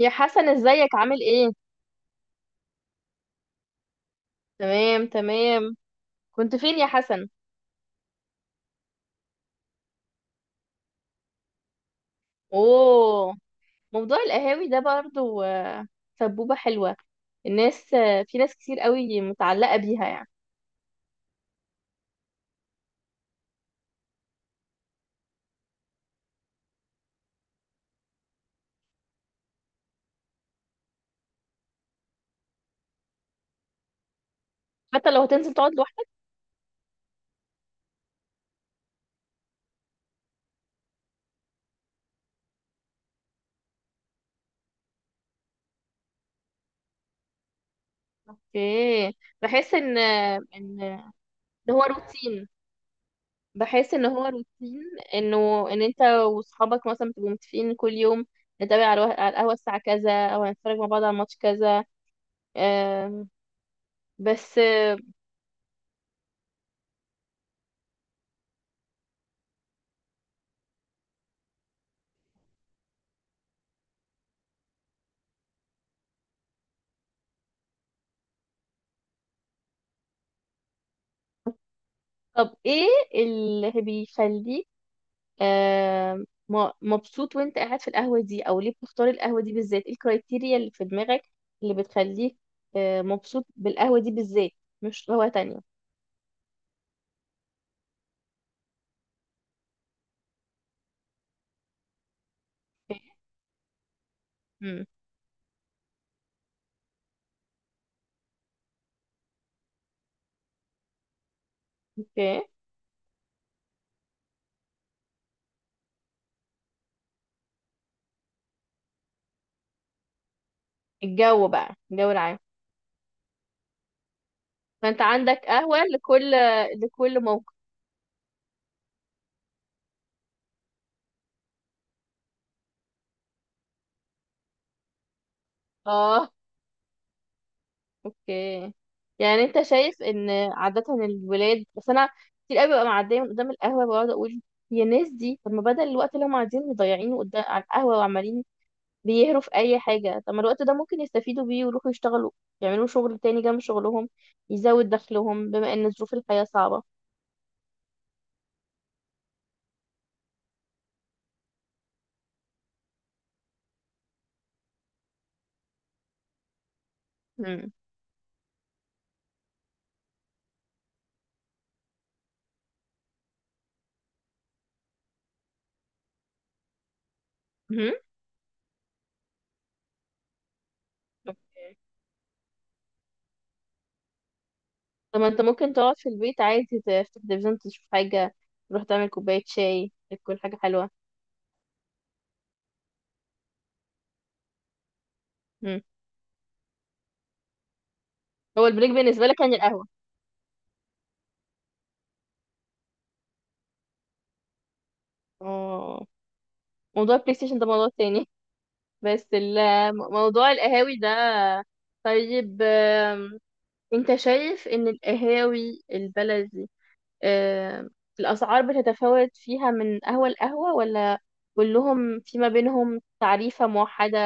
يا حسن، ازيك؟ عامل ايه؟ تمام تمام. كنت فين يا حسن؟ اوه. موضوع القهاوي ده برضو، سبوبة حلوة. الناس آه، في ناس كتير قوي متعلقة بيها يعني. حتى لو هتنزل تقعد لوحدك؟ ايه؟ بحس ان هو روتين. بحس ان هو روتين. ان انت واصحابك مثلا بتبقوا متفقين كل يوم نتابع على على القهوة الساعة كذا او هنتفرج مع بعض على الماتش كذا. آم، بس. طب ايه اللي بيخليك مبسوط وانت قاعد في القهوة دي، او ليه بتختار القهوة دي بالذات؟ ايه الكرايتيريا اللي في دماغك اللي بتخليك مبسوط بالقهوة دي بالذات، مش قهوة تانية؟ امم. اوكي. الجو بقى، الجو العام. فانت عندك قهوة لكل موقف؟ اه. اوكي. يعني انت شايف ان عادة الولاد. بس انا كتير قوي ببقى معدية من قدام القهوة، بقعد اقول يا ناس دي، طب ما بدل الوقت اللي هم قاعدين مضيعينه قدام على القهوة وعمالين بيهروا في اي حاجه، طب ما الوقت ده ممكن يستفيدوا بيه ويروحوا يشتغلوا، يعملوا شغل تاني جنب شغلهم يزود دخلهم، بما ان ظروف الحياه صعبه. مم. مم. اوكي. طب ما انت ممكن تقعد في البيت عادي، تفتح تلفزيون تشوف حاجه، تروح تعمل كوبايه شاي، تاكل حاجه حلوه. مم. هو البريك بالنسبه لك يعني القهوه؟ اه. موضوع البلاي ستيشن ده موضوع تاني. بس موضوع القهاوي ده. طيب. انت شايف ان القهاوي البلدي، آه، الأسعار بتتفاوت فيها من قهوة لقهوة، ولا كلهم في ما بينهم تعريفة موحدة؟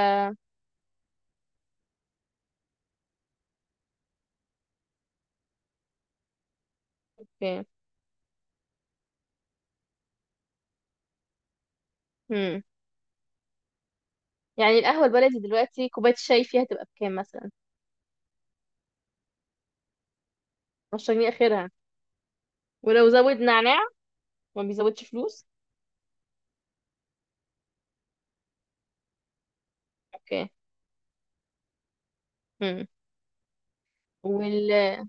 اوكي. مم. يعني القهوة البلدي دلوقتي كوباية الشاي فيها تبقى بكام مثلا؟ 10 جنيه آخرها. ولو زود نعناع، ما بيزودش فلوس؟ اوكي. مم. وال...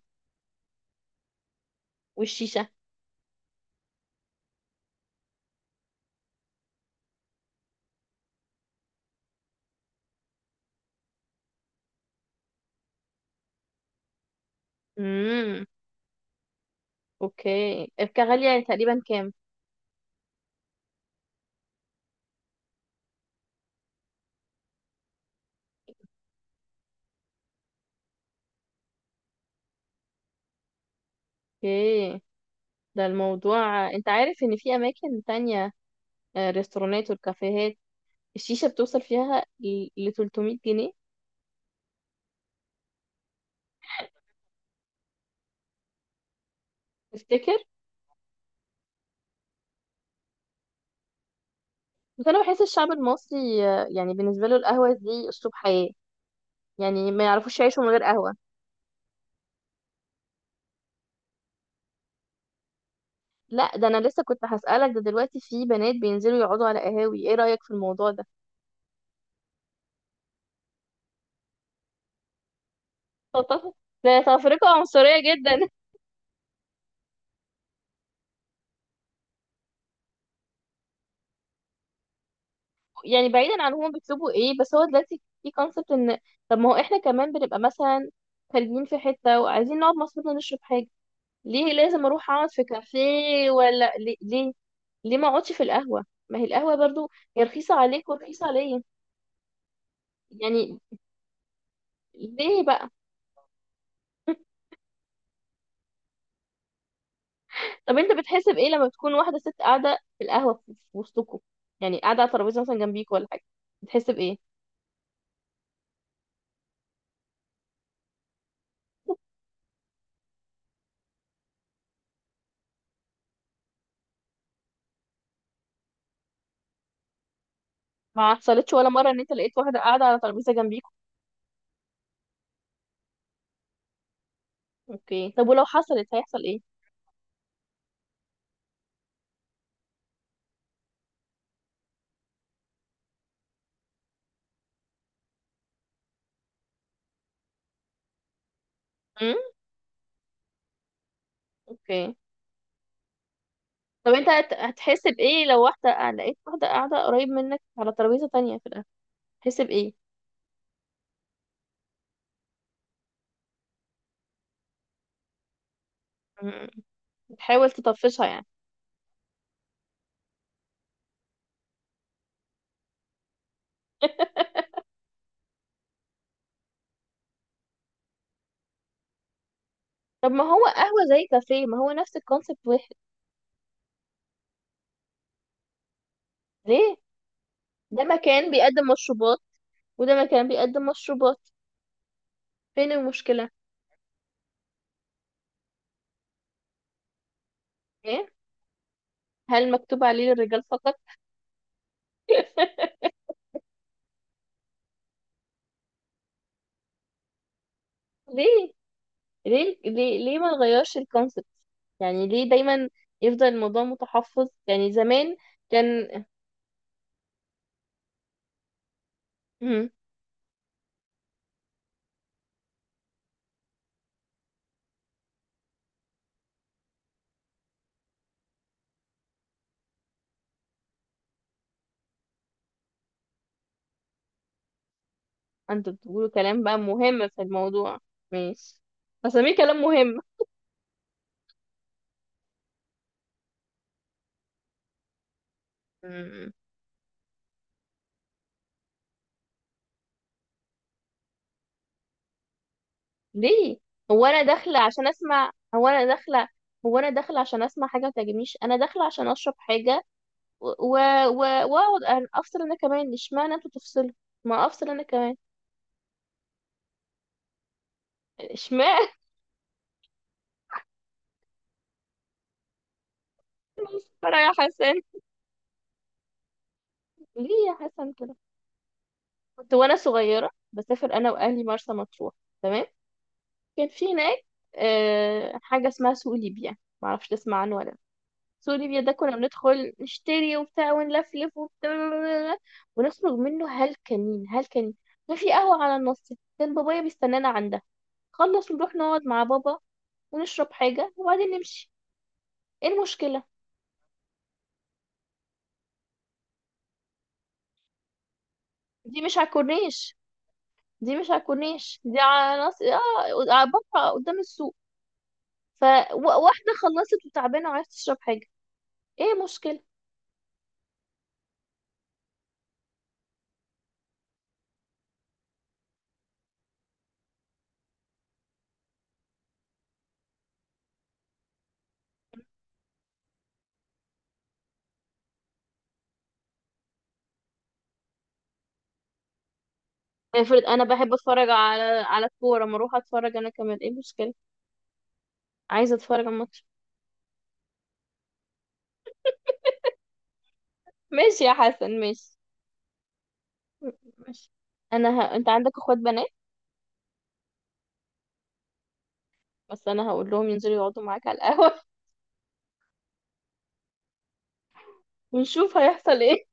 والشيشة؟ مم. اوكي. الكحة غالية يعني، تقريبا كام؟ اوكي. ده الموضوع، انت عارف ان في اماكن تانية، ريستورانات والكافيهات، الشيشة بتوصل فيها ل 300 جنيه. تفتكر؟ بس انا بحس الشعب المصري، يعني بالنسبه له القهوه دي اسلوب حياه، يعني ما يعرفوش يعيشوا من غير قهوه. لا، ده انا لسه كنت هسالك. ده دلوقتي في بنات بينزلوا يقعدوا على قهاوي، ايه رايك في الموضوع ده؟ ده تفرقه عنصريه جدا. يعني بعيدا عن هم بيطلبوا ايه، بس هو دلوقتي في كونسبت ان، طب ما هو احنا كمان بنبقى مثلا خارجين في حته وعايزين نقعد مع اصحابنا نشرب حاجه، ليه لازم اروح اقعد في كافيه؟ ولا ليه، ليه ما اقعدش في القهوه؟ ما هي القهوه برضو هي رخيصه عليك ورخيصه عليا. يعني ليه بقى؟ طب انت بتحس بايه لما تكون واحده ست قاعده في القهوه، في وسطكم، يعني قاعده على ترابيزه مثلا جنبيك ولا حاجه، بتحس بايه؟ ما حصلتش ولا مره ان انت لقيت واحده قاعده على ترابيزه جنبيك؟ اوكي. طب ولو حصلت هيحصل ايه؟ امم. اوكي. طب انت هتحس بايه لو لقيت واحده قاعده قريب منك على ترابيزه تانية في القهوه، تحس بايه؟ امم. بتحاول تطفشها يعني؟ طب ما هو قهوه زي كافيه، ما هو نفس الكونسيبت واحد. ليه؟ ده مكان بيقدم مشروبات، وده مكان بيقدم مشروبات، فين المشكلة؟ ايه، هل مكتوب عليه للرجال فقط؟ ليه ليه ليه ليه ما نغيرش الكونسبت؟ يعني ليه دايما يفضل الموضوع متحفظ، يعني زمان كان. مم. انتوا بتقولوا كلام بقى مهم في الموضوع؟ ماشي، هسميه كلام مهم. مم. ليه؟ هو انا داخله عشان اسمع هو انا داخله هو انا داخله عشان اسمع حاجه ما تعجبنيش، انا داخله عشان اشرب حاجه واقعد افصل انا كمان. اشمعنى انتوا تفصلوا؟ ما افصل انا كمان. اشمعنى؟ مسخرة يا حسن. ليه يا حسن كده؟ كنت وانا صغيرة بسافر انا واهلي مرسى مطروح. تمام. كان في هناك حاجة اسمها سوق ليبيا. معرفش تسمع عنه ولا لأ. سوق ليبيا ده كنا بندخل نشتري وبتاع، ونلفلف وبتاع، ونخرج منه هلكانين هلكانين. كان في قهوة على النص، كان بابايا بيستنانا عندها. خلص نروح نقعد مع بابا، ونشرب حاجة وبعدين نمشي. ايه المشكلة؟ دي مش على الكورنيش دي مش على الكورنيش، دي على نص. اه، بقى قدام السوق. فواحدة خلصت وتعبانة وعايزة تشرب حاجة، ايه مشكلة؟ افرض انا بحب اتفرج على الكورة، ما اروح اتفرج انا كمان، ايه مشكلة؟ عايزة اتفرج على الماتش. ماشي يا حسن، ماشي. ماشي. انت عندك اخوات بنات؟ بس انا هقول لهم ينزلوا يقعدوا معاك على القهوة. ونشوف هيحصل ايه.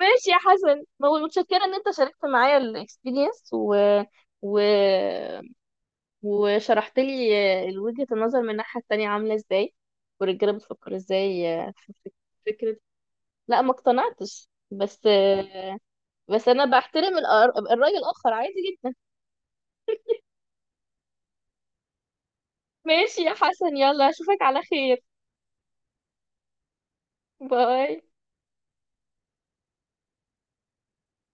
ماشي يا حسن. متشكرة ان انت شاركت معايا الاكسبيرينس و... وشرحت لي وجهة النظر من الناحية التانية عاملة ازاي، والرجالة بتفكر ازاي، في فكرة. لا ما اقتنعتش بس. بس انا بحترم الرأي الآخر عادي جدا. ماشي يا حسن، يلا اشوفك على خير. باي.